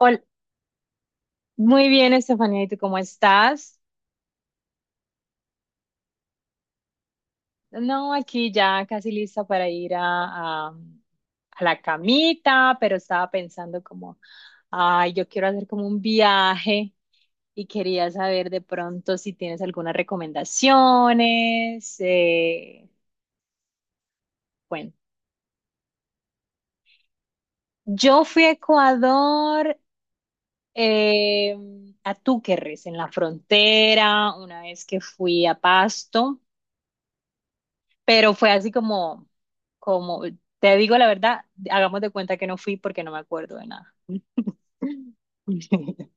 Hola, muy bien, Estefanía, ¿y tú cómo estás? No, aquí ya casi lista para ir a la camita, pero estaba pensando como, ay, yo quiero hacer como un viaje y quería saber de pronto si tienes algunas recomendaciones. Bueno, yo fui a Ecuador, eh, a Túquerres, en la frontera, una vez que fui a Pasto. Pero fue así como, te digo la verdad, hagamos de cuenta que no fui porque no me acuerdo de nada.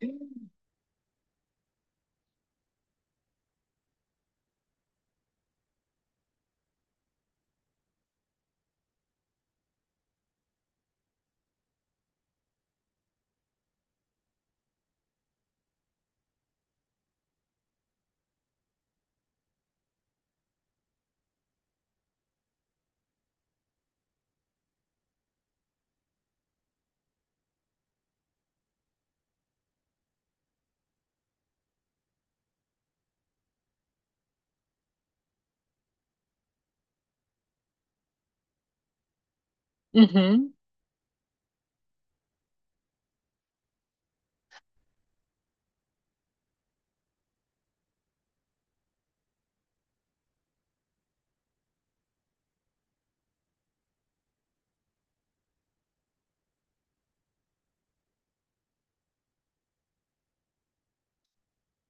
Ujú,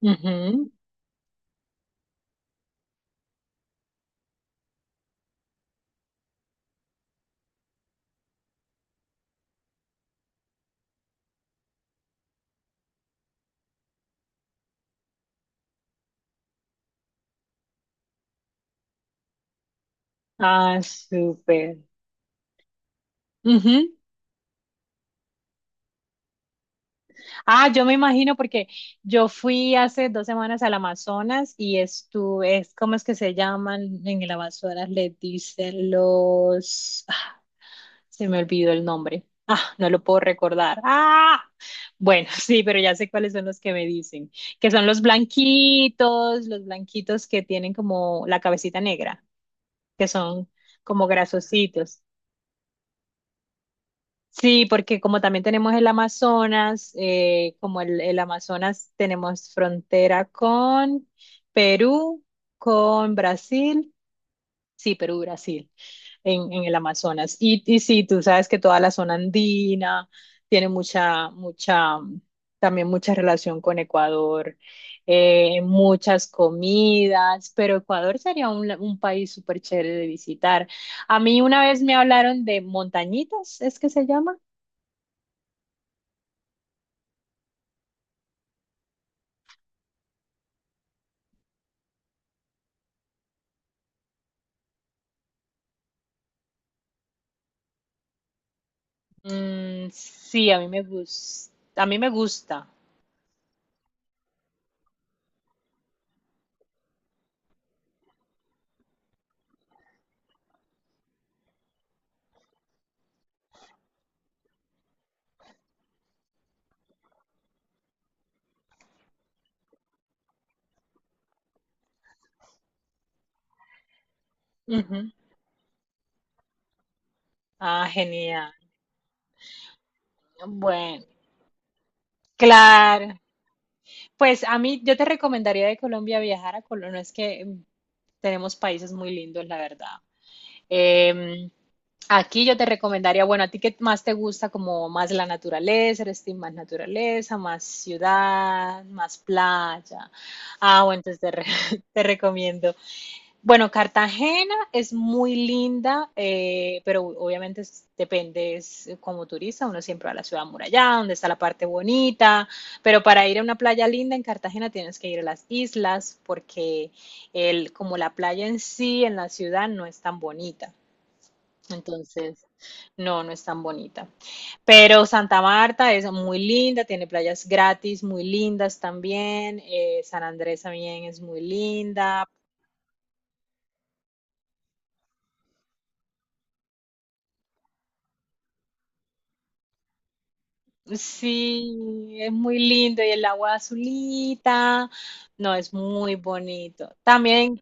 ujú. Ah, súper. Ujú. Ah, yo me imagino porque yo fui hace 2 semanas al Amazonas y estuve, es, ¿cómo es que se llaman en el Amazonas? Les dicen los... Se me olvidó el nombre. Ah, no lo puedo recordar. Ah, bueno, sí, pero ya sé cuáles son los que me dicen, que son los blanquitos que tienen como la cabecita negra, que son como grasositos. Sí, porque como también tenemos el Amazonas, como el Amazonas tenemos frontera con Perú, con Brasil, sí, Perú, Brasil. En el Amazonas. Y sí, tú sabes que toda la zona andina tiene mucha, también mucha relación con Ecuador, muchas comidas, pero Ecuador sería un país súper chévere de visitar. A mí una vez me hablaron de montañitas, ¿es que se llama? Mm, sí, a mí me gusta, a mí me gusta. Ujú. Ah, genial. Bueno, claro. Pues a mí, yo te recomendaría de Colombia viajar a Colombia. No es que tenemos países muy lindos, la verdad. Eh, aquí yo te recomendaría, bueno, a ti qué más te gusta, como más la naturaleza, eres team más naturaleza, más ciudad, más playa. Ah, bueno, entonces te recomiendo bueno, Cartagena es muy linda, pero obviamente es- depende, es como turista, uno siempre va a la ciudad amurallada, donde está la parte bonita, pero para ir a una playa linda en Cartagena tienes que ir a las islas, porque el, como la playa en sí, en la ciudad, no es tan bonita. Entonces, no es tan bonita. Pero Santa Marta es muy linda, tiene playas gratis muy lindas también. Eh, San Andrés también es muy linda. Sí, es muy lindo y el agua azulita. No, es muy bonito. También,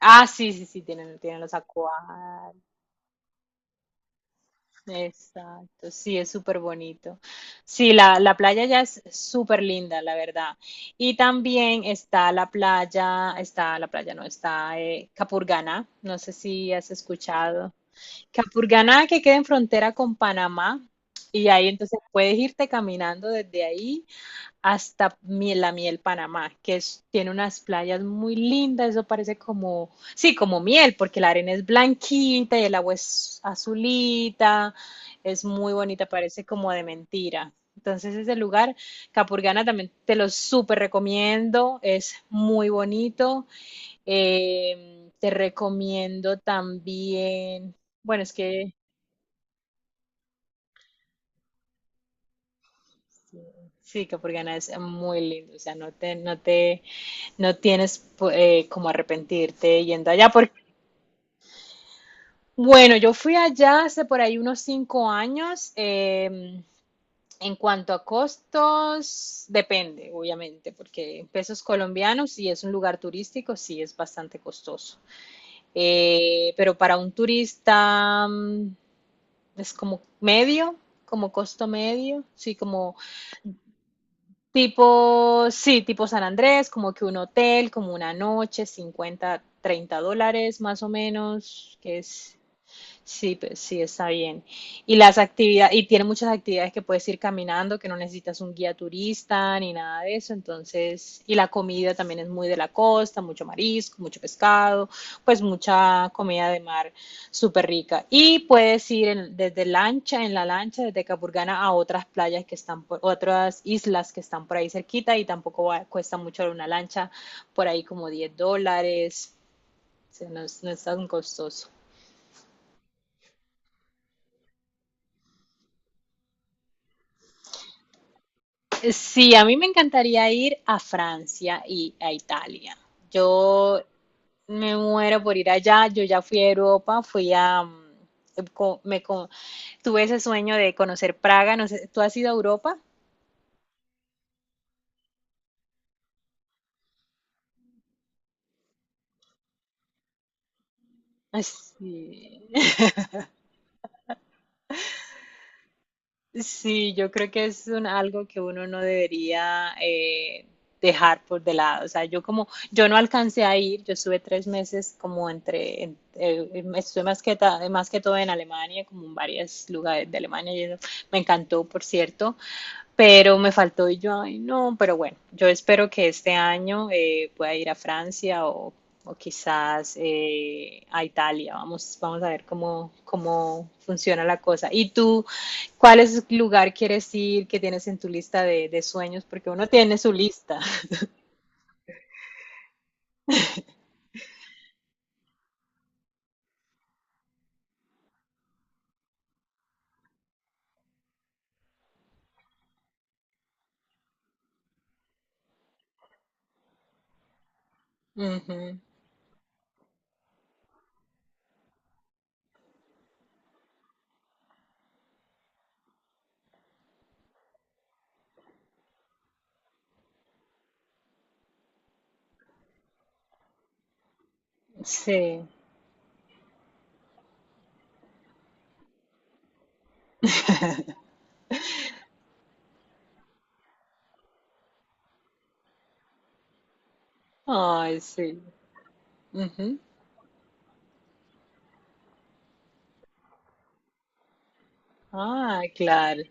ah, sí, tienen los acuarios. Exacto, sí, es súper bonito. Sí, la playa ya es súper linda, la verdad. Y también está la playa, no, está Capurganá. No sé si has escuchado. Capurganá que queda en frontera con Panamá. Y ahí entonces puedes irte caminando desde ahí la Miel Panamá, que es- tiene unas playas muy lindas, eso parece como, sí, como miel, porque la arena es blanquita y el agua es azulita, es muy bonita, parece como de mentira. Entonces ese lugar, Capurganá, también te lo súper recomiendo, es muy bonito. Te recomiendo también, bueno, es que sí, sí, Capurganá es muy lindo, o sea, no te No tienes pues, como arrepentirte yendo allá. Porque, bueno, yo fui allá hace por ahí unos 5 años. En cuanto a costos, depende, obviamente, porque en pesos colombianos, si es un lugar turístico, sí es bastante costoso. Pero para un turista es como medio, como costo medio, sí, como Tipo, sí, tipo San Andrés, como que un hotel, como una noche, $50 $30 más o menos, que es Sí, pues sí, está bien. Y las actividades, y tiene muchas actividades que puedes ir caminando, que no necesitas un guía turista ni nada de eso. Entonces, y la comida también es muy de la costa, mucho marisco, mucho pescado, pues mucha comida de mar súper rica. Y puedes ir desde lancha, en la lancha, desde Capurganá a otras playas que están por, otras islas que están por ahí cerquita y tampoco va- cuesta mucho una lancha, por ahí como $10. O sea, no es, no es tan costoso. Sí, a mí me encantaría ir a Francia y a Italia. Yo me muero por ir allá. Yo ya fui a Europa, fui a... tuve ese sueño de conocer Praga. No sé, ¿tú has ido a Europa? Ay, sí. Sí, yo creo que es algo que uno no debería dejar por de lado. O sea, yo no alcancé a ir, yo estuve 3 meses como estuve más más que todo en Alemania, como en varios lugares de Alemania, y eso me encantó, por cierto, pero me faltó y yo, ay, no, pero bueno, yo espero que este año pueda ir a Francia o quizás a Italia. Vamos, vamos a ver cómo funciona la cosa. ¿Y tú, cuál es el lugar quieres ir que tienes en tu lista de sueños? Porque uno tiene su lista. Ujú, sí. Ay, sí. Ujú. Ah, claro.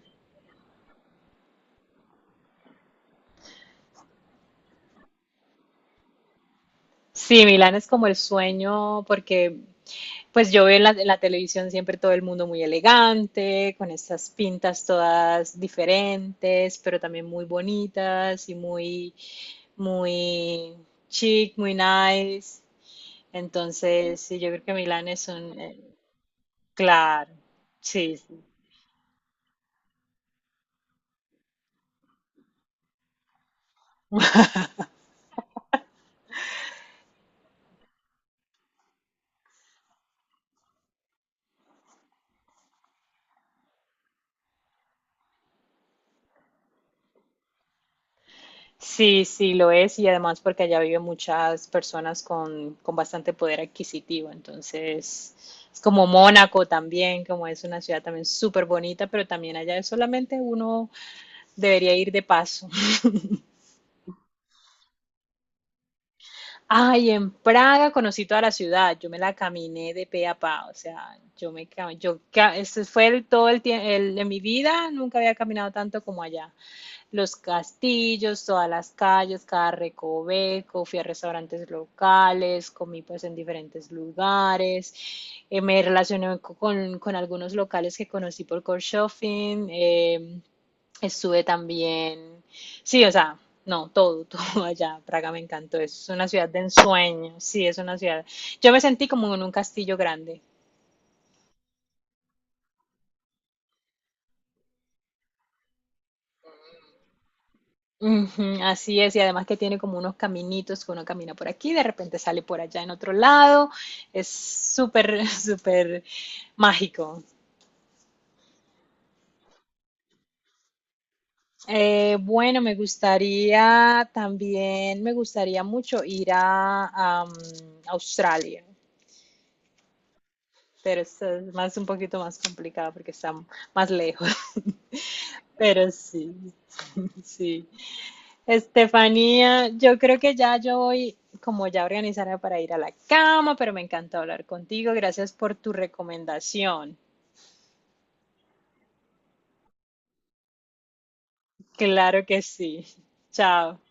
Sí, Milán es como el sueño porque pues yo veo en televisión siempre todo el mundo muy elegante, con estas pintas todas diferentes, pero también muy bonitas y muy chic, muy nice. Entonces, sí, yo creo que Milán es un, claro, sí, sí lo es y además porque allá viven muchas personas con bastante poder adquisitivo, entonces es como Mónaco también, como es una ciudad también súper bonita, pero también allá es solamente uno Debería ir de paso. Ay, en Praga conocí toda la ciudad, yo me la caminé de pe a pa, o sea, yo me cam- yo ca- ese fue el, todo el tiempo de mi vida, nunca había caminado tanto como allá. Los castillos, todas las calles, cada recoveco, fui a restaurantes locales, comí pues en diferentes lugares, con algunos locales que conocí por Couchsurfing, estuve también, sí, o sea, no, todo, todo allá, Praga me encantó, es una ciudad de ensueño, sí, es una ciudad. Yo me sentí como en un castillo grande. Ujú, así es, y además que tiene como unos caminitos que uno camina por aquí, de repente sale por allá en otro lado, es súper, súper mágico. Bueno, me gustaría también, me gustaría mucho ir a, am, Australia. Pero es más un poquito más complicado porque está más lejos. Pero sí, sí. Estefanía, yo creo que ya yo voy como ya organizada para ir a la cama, pero me encantó hablar contigo. Gracias por tu recomendación. Claro que sí. Chao.